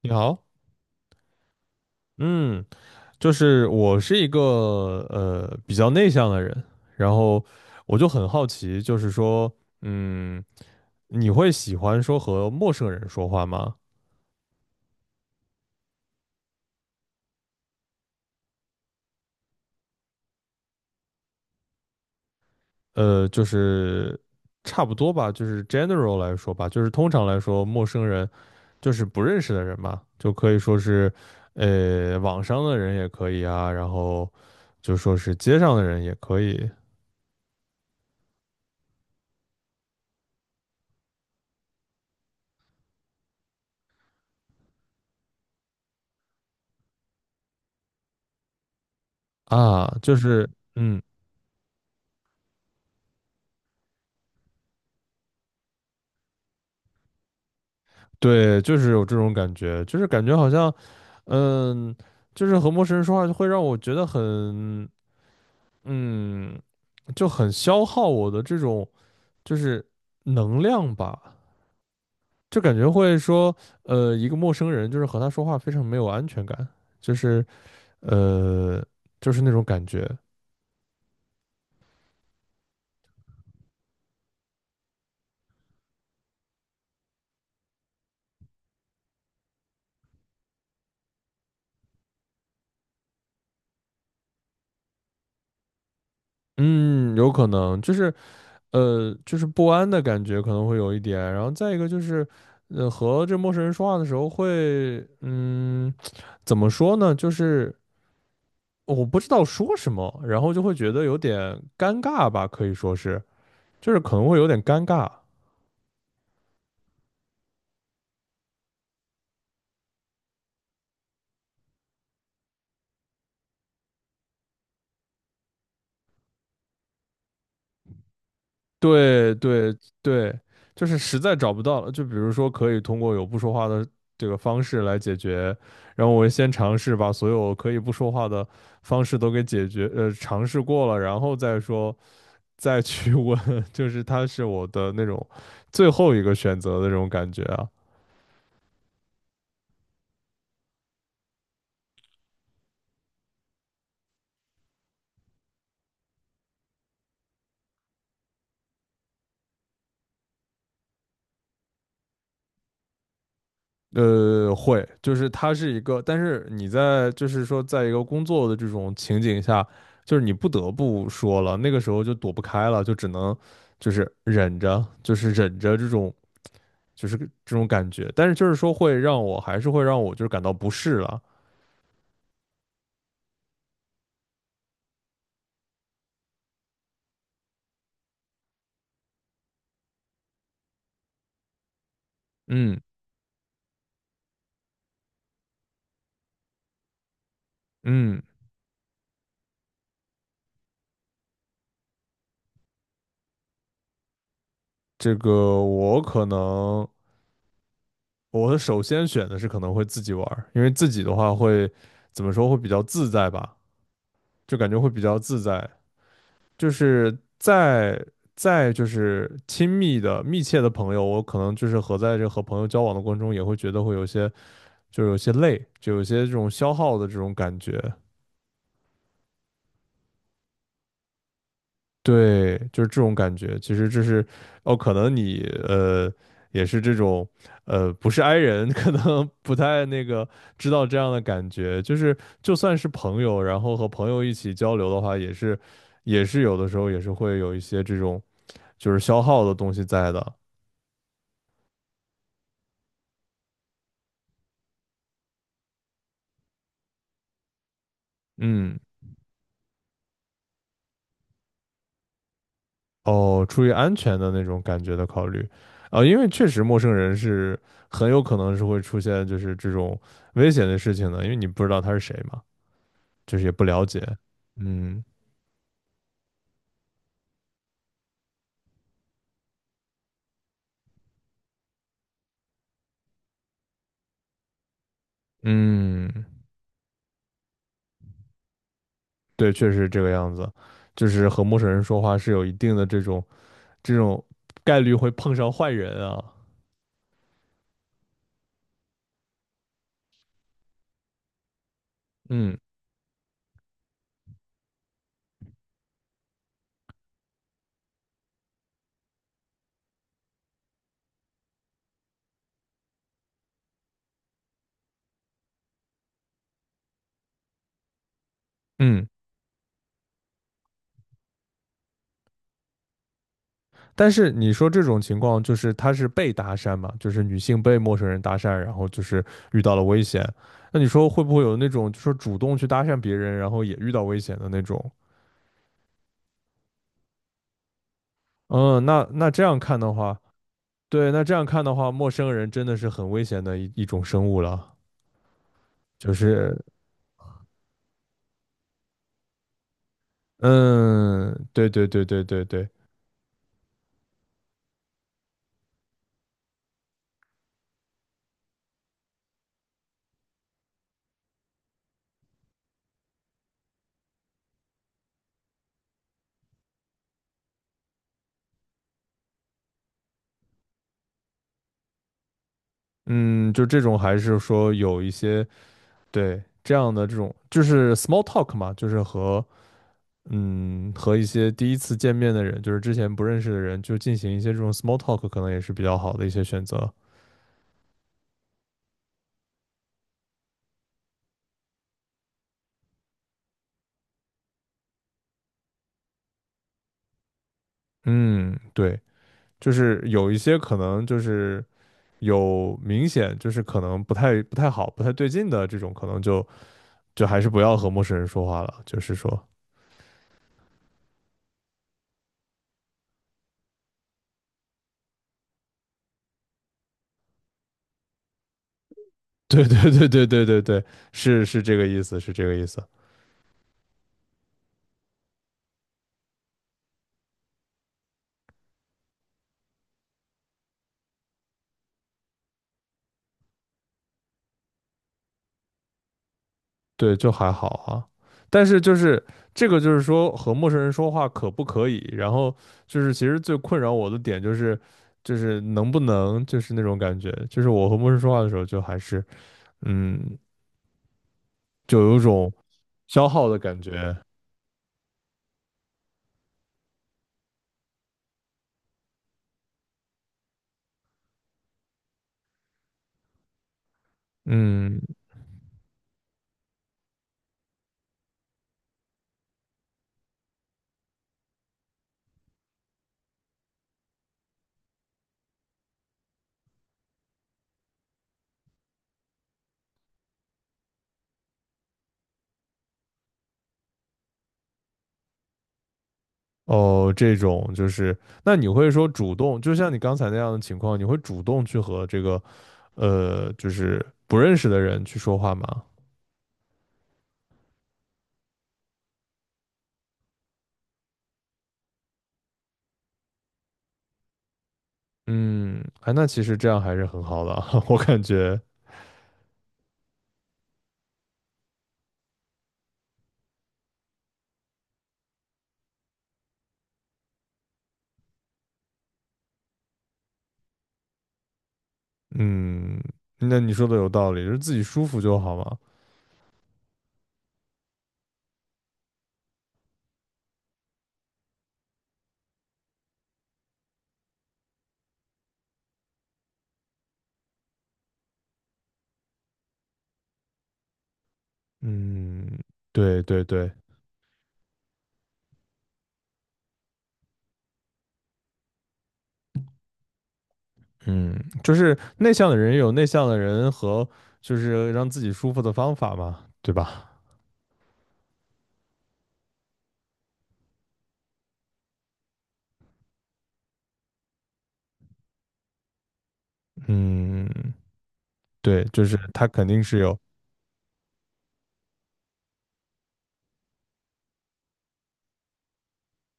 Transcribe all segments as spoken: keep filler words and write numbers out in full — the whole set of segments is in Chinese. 你好，嗯，就是我是一个呃比较内向的人，然后我就很好奇，就是说，嗯，你会喜欢说和陌生人说话吗？呃，就是差不多吧，就是 general 来说吧，就是通常来说，陌生人就是不认识的人嘛，就可以说是呃网上的人也可以啊，然后就说是街上的人也可以啊，就是。嗯。对，就是有这种感觉，就是感觉好像，嗯，就是和陌生人说话就会让我觉得很，嗯，就很消耗我的这种就是能量吧，就感觉会说，呃，一个陌生人就是和他说话非常没有安全感，就是呃，就是那种感觉。嗯，有可能就是呃，就是不安的感觉可能会有一点，然后再一个就是，呃，和这陌生人说话的时候会，嗯。怎么说呢？就是我不知道说什么，然后就会觉得有点尴尬吧，可以说是，就是可能会有点尴尬。对对对，就是实在找不到了，就比如说可以通过有不说话的这个方式来解决，然后我先尝试把所有可以不说话的方式都给解决，呃，尝试过了，然后再说再去问，就是它是我的那种最后一个选择的这种感觉啊。呃，会，就是它是一个，但是你在就是说，在一个工作的这种情景下，就是你不得不说了，那个时候就躲不开了，就只能就是忍着，就是忍着这种就是这种感觉，但是就是说会让我还是会让我就是感到不适了。嗯嗯，这个我可能我首先选的是可能会自己玩儿，因为自己的话会怎么说，会比较自在吧，就感觉会比较自在，就是再再就是亲密的、密切的朋友，我可能就是和在这和朋友交往的过程中，也会觉得会有些就是有些累，就有些这种消耗的这种感觉。对，就是这种感觉。其实这是哦，可能你呃也是这种呃不是 i 人，可能不太那个知道这样的感觉。就是就算是朋友，然后和朋友一起交流的话，也是也是有的时候也是会有一些这种就是消耗的东西在的。嗯，哦，出于安全的那种感觉的考虑，啊，因为确实陌生人是很有可能是会出现就是这种危险的事情的，因为你不知道他是谁嘛，就是也不了解。嗯嗯，对，确实这个样子，就是和陌生人说话是有一定的这种这种概率会碰上坏人啊。嗯嗯。但是你说这种情况，就是他是被搭讪嘛，就是女性被陌生人搭讪，然后就是遇到了危险。那你说会不会有那种，就是主动去搭讪别人，然后也遇到危险的那种？嗯，那那这样看的话，对，那这样看的话，陌生人真的是很危险的一一种生物了。就是，嗯，对对对对对对，嗯，就这种还是说有一些对这样的这种，就是 small talk 嘛，就是和嗯，和一些第一次见面的人，就是之前不认识的人，就进行一些这种 small talk，可能也是比较好的一些选择。嗯，对，就是有一些可能就是有明显就是可能不太不太好、不太对劲的这种，可能就就还是不要和陌生人说话了。就是说，对对对对对对对，是是这个意思，是这个意思。对，就还好啊。但是就是这个，就是说和陌生人说话可不可以？然后就是其实最困扰我的点就是，就是能不能就是那种感觉，就是我和陌生人说话的时候，就还是嗯，就有一种消耗的感觉。嗯，哦，这种就是，那你会说主动，就像你刚才那样的情况，你会主动去和这个呃，就是不认识的人去说话吗？嗯，哎，那其实这样还是很好的啊，我感觉。嗯，那你说的有道理，就是自己舒服就好嘛。嗯，对对对，嗯，就是内向的人有内向的人和就是让自己舒服的方法嘛，对吧？嗯，对，就是他肯定是有，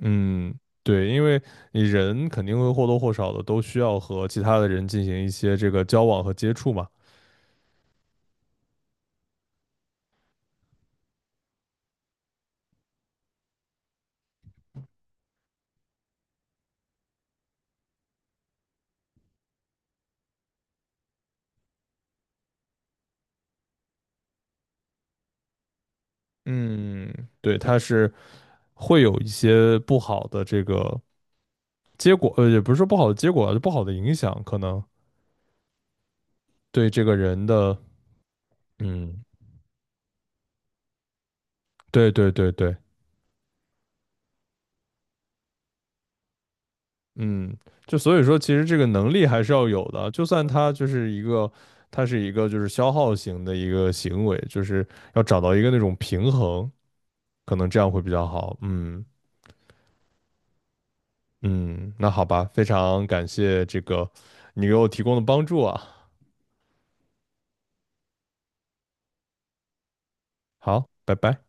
嗯，对，因为你人肯定会或多或少的都需要和其他的人进行一些这个交往和接触嘛。嗯，对，他是会有一些不好的这个结果，呃，也不是说不好的结果啊就不好的影响可能。对这个人的，嗯，对对对对，嗯，就所以说，其实这个能力还是要有的，就算他就是一个，他是一个就是消耗型的一个行为，就是要找到一个那种平衡，可能这样会比较好。嗯嗯，那好吧，非常感谢这个你给我提供的帮助啊，好，拜拜。